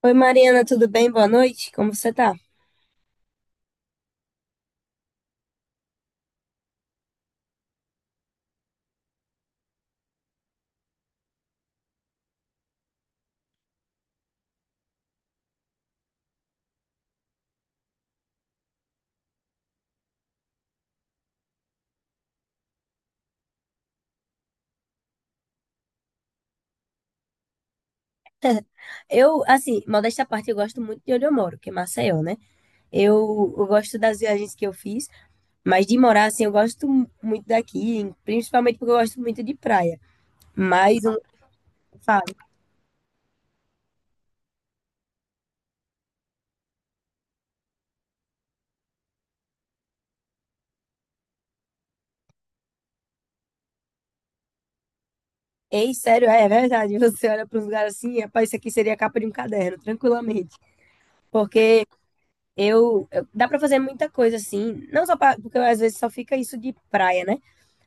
Oi Mariana, tudo bem? Boa noite. Como você tá? Eu, assim, modéstia à parte, eu gosto muito de onde eu moro, que é Maceió, né? Eu gosto das viagens que eu fiz, mas de morar, assim, eu gosto muito daqui, principalmente porque eu gosto muito de praia. Mas falo, ei, sério, é verdade. Você olha para uns lugares assim, rapaz, isso aqui seria a capa de um caderno, tranquilamente. Porque dá para fazer muita coisa assim, não só pra, porque às vezes só fica isso de praia, né?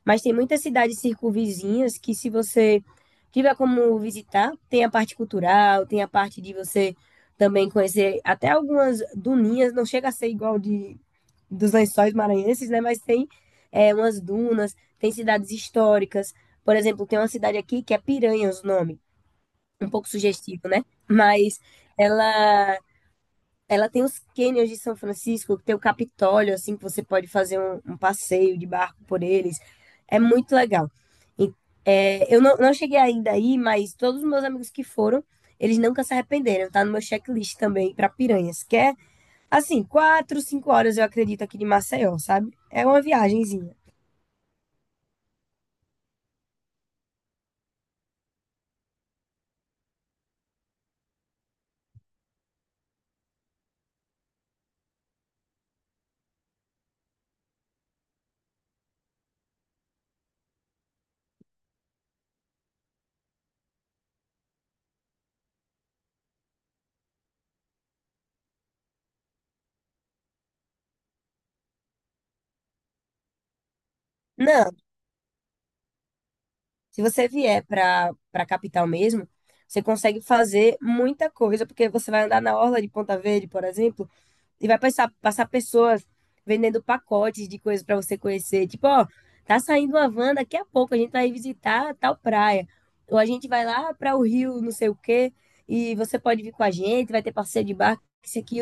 Mas tem muitas cidades circunvizinhas que, se você tiver como visitar, tem a parte cultural, tem a parte de você também conhecer até algumas duninhas, não chega a ser igual de dos lençóis maranhenses, né? Mas tem umas dunas, tem cidades históricas. Por exemplo, tem uma cidade aqui que é Piranhas o nome, um pouco sugestivo, né? Mas ela ela tem os cânions de São Francisco, que tem o Capitólio, assim, que você pode fazer um passeio de barco por eles. É muito legal. E, eu não cheguei ainda aí, mas todos os meus amigos que foram, eles nunca se arrependeram. Tá no meu checklist também para Piranhas, que é, assim, 4, 5 horas, eu acredito, aqui de Maceió, sabe? É uma viagenzinha. Não, se você vier para capital mesmo, você consegue fazer muita coisa, porque você vai andar na orla de Ponta Verde, por exemplo, e vai passar pessoas vendendo pacotes de coisas para você conhecer. Tipo, ó, tá saindo uma van, daqui a pouco a gente vai visitar tal praia. Ou a gente vai lá para o rio, não sei o quê, e você pode vir com a gente, vai ter passeio de barco, isso aqui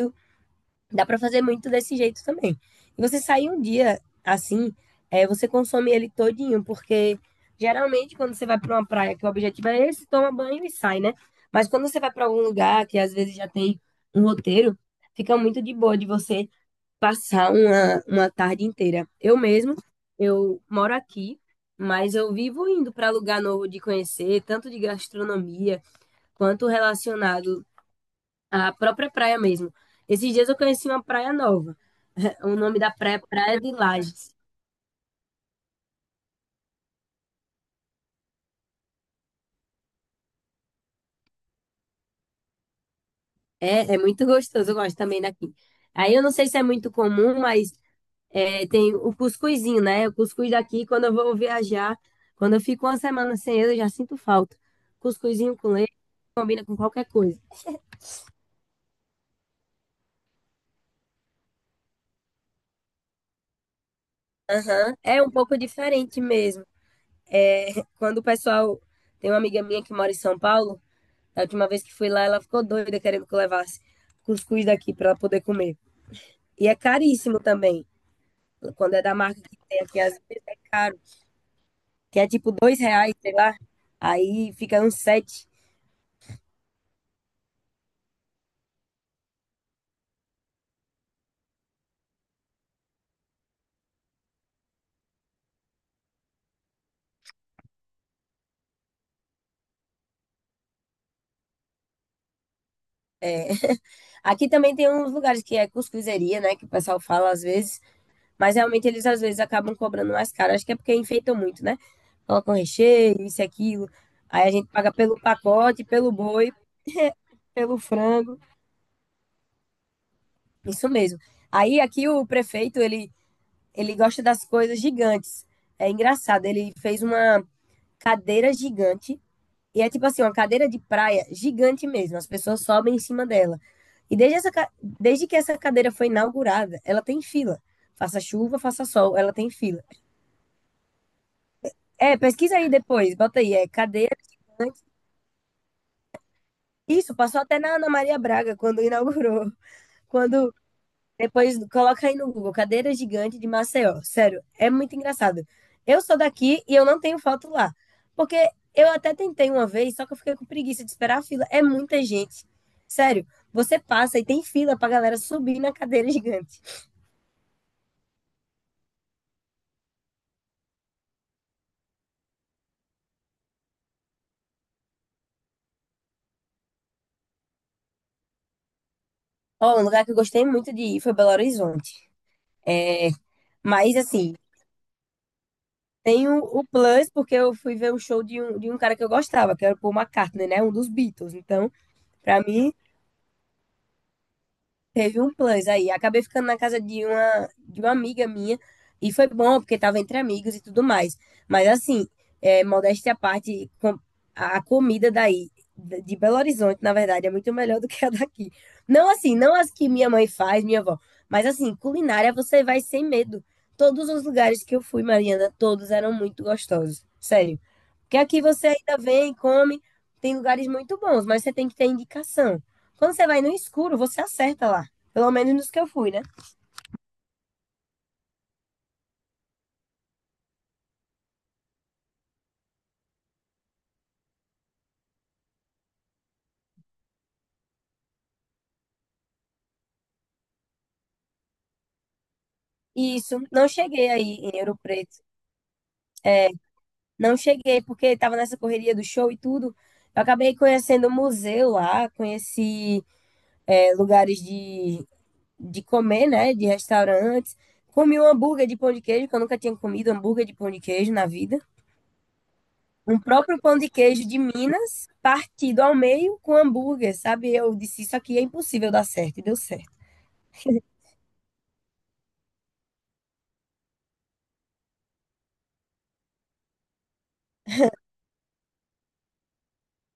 dá para fazer muito desse jeito também. E você sair um dia assim, é, você consome ele todinho, porque geralmente quando você vai para uma praia que o objetivo é esse, toma banho e sai, né? Mas quando você vai para algum lugar que às vezes já tem um roteiro, fica muito de boa de você passar uma tarde inteira. Eu mesmo, eu moro aqui, mas eu vivo indo para lugar novo de conhecer, tanto de gastronomia quanto relacionado a própria praia mesmo. Esses dias eu conheci uma praia nova. O nome da praia é Praia de Lages. É muito gostoso, eu gosto também daqui. Aí eu não sei se é muito comum, mas tem o cuscuzinho, né? O cuscuz daqui, quando eu vou viajar, quando eu fico uma semana sem ele, eu já sinto falta. Cuscuzinho com leite combina com qualquer coisa. Aham. É um pouco diferente mesmo. É, quando o pessoal. Tem uma amiga minha que mora em São Paulo. Da última vez que fui lá, ela ficou doida querendo que eu levasse cuscuz daqui para ela poder comer. E é caríssimo também. Quando é da marca que tem aqui, às vezes é caro. Que é tipo R$ 2, sei lá. Aí fica uns sete. É. Aqui também tem uns lugares que é cuscuzeria, né? Que o pessoal fala às vezes. Mas realmente eles às vezes acabam cobrando mais caro. Acho que é porque enfeitam muito, né? Colocam recheio, isso e aquilo. Aí a gente paga pelo pacote, pelo boi, pelo frango. Isso mesmo. Aí aqui o prefeito, ele gosta das coisas gigantes. É engraçado, ele fez uma cadeira gigante e é tipo assim, uma cadeira de praia gigante mesmo. As pessoas sobem em cima dela. E desde que essa cadeira foi inaugurada, ela tem fila. Faça chuva, faça sol, ela tem fila. É, pesquisa aí depois, bota aí, é cadeira gigante. Isso, passou até na Ana Maria Braga quando inaugurou. Quando Depois coloca aí no Google, cadeira gigante de Maceió. Sério, é muito engraçado. Eu sou daqui e eu não tenho foto lá. Porque eu até tentei uma vez, só que eu fiquei com preguiça de esperar a fila. É muita gente. Sério, você passa e tem fila pra galera subir na cadeira gigante. Ó, um lugar que eu gostei muito de ir foi Belo Horizonte. É, mas assim, tem o plus, porque eu fui ver o show de um cara que eu gostava, que era o Paul McCartney, né? Um dos Beatles. Então, pra mim, teve um plus aí. Acabei ficando na casa de uma amiga minha. E foi bom, porque tava entre amigos e tudo mais. Mas assim, modéstia à parte, a comida daí, de Belo Horizonte, na verdade, é muito melhor do que a daqui. Não assim, não as que minha mãe faz, minha avó. Mas assim, culinária você vai sem medo. Todos os lugares que eu fui, Mariana, todos eram muito gostosos. Sério. Porque aqui você ainda vem, come, tem lugares muito bons, mas você tem que ter indicação. Quando você vai no escuro, você acerta lá. Pelo menos nos que eu fui, né? E isso, não cheguei aí em Ouro Preto. Não cheguei porque estava nessa correria do show e tudo. Eu acabei conhecendo o museu lá, conheci lugares de comer, né? De restaurantes. Comi um hambúrguer de pão de queijo, que eu nunca tinha comido hambúrguer de pão de queijo na vida. Um próprio pão de queijo de Minas, partido ao meio com hambúrguer, sabe? Eu disse, isso aqui é impossível dar certo, e deu certo.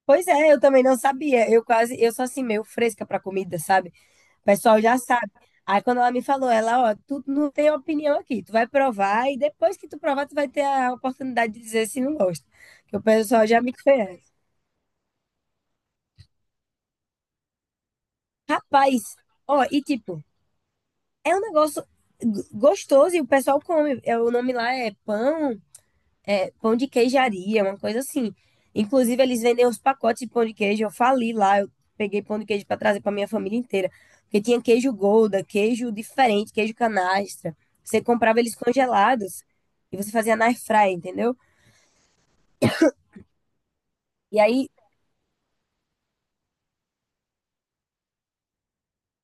Pois é, eu também não sabia. Eu quase, eu sou assim, meio fresca para comida, sabe? O pessoal já sabe. Aí quando ela me falou, ela, ó, tu não tem opinião aqui, tu vai provar e depois que tu provar, tu vai ter a oportunidade de dizer se não gosta. Que o pessoal já me conhece. Rapaz, ó, e tipo, é um negócio gostoso e o pessoal come. É, o nome lá é pão de queijaria, uma coisa assim. Inclusive, eles vendem os pacotes de pão de queijo. Eu fali lá, eu peguei pão de queijo para trazer para minha família inteira. Porque tinha queijo Gouda, queijo diferente, queijo canastra. Você comprava eles congelados e você fazia na airfryer, entendeu? E aí,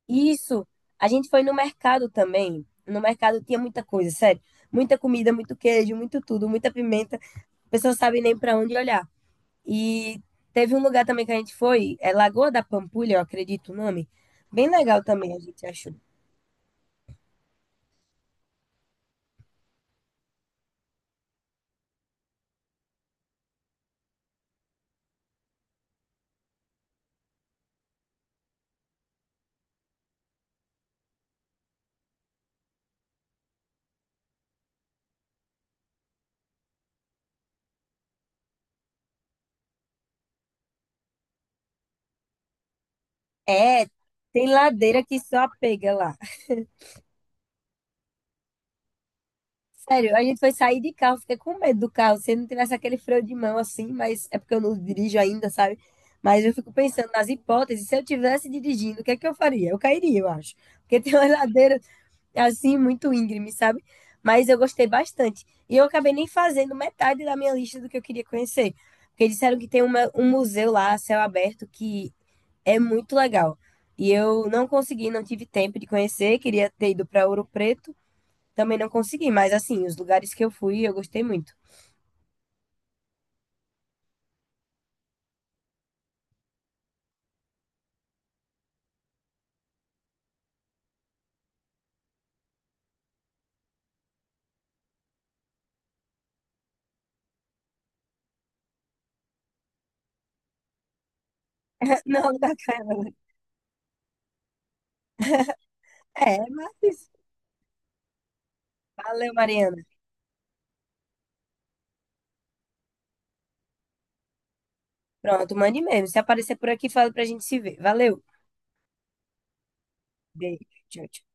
isso, a gente foi no mercado também. No mercado tinha muita coisa, sério. Muita comida, muito queijo, muito tudo, muita pimenta. A pessoa sabe nem para onde olhar. E teve um lugar também que a gente foi, é Lagoa da Pampulha, eu acredito o nome. Bem legal também, a gente achou. É, tem ladeira que só pega lá. Sério, a gente foi sair de carro, fiquei com medo do carro, se não tivesse aquele freio de mão assim, mas é porque eu não dirijo ainda, sabe? Mas eu fico pensando nas hipóteses, se eu tivesse dirigindo, o que é que eu faria? Eu cairia, eu acho. Porque tem uma ladeira assim, muito íngreme, sabe? Mas eu gostei bastante. E eu acabei nem fazendo metade da minha lista do que eu queria conhecer. Porque disseram que tem um museu lá, a céu aberto, que é muito legal. E eu não consegui, não tive tempo de conhecer. Queria ter ido para Ouro Preto, também não consegui. Mas, assim, os lugares que eu fui, eu gostei muito. Não, da Carla. É, mas. Valeu, Mariana. Pronto, mande mesmo. Se aparecer por aqui, fala pra gente se ver. Valeu. Beijo. Tchau, tchau.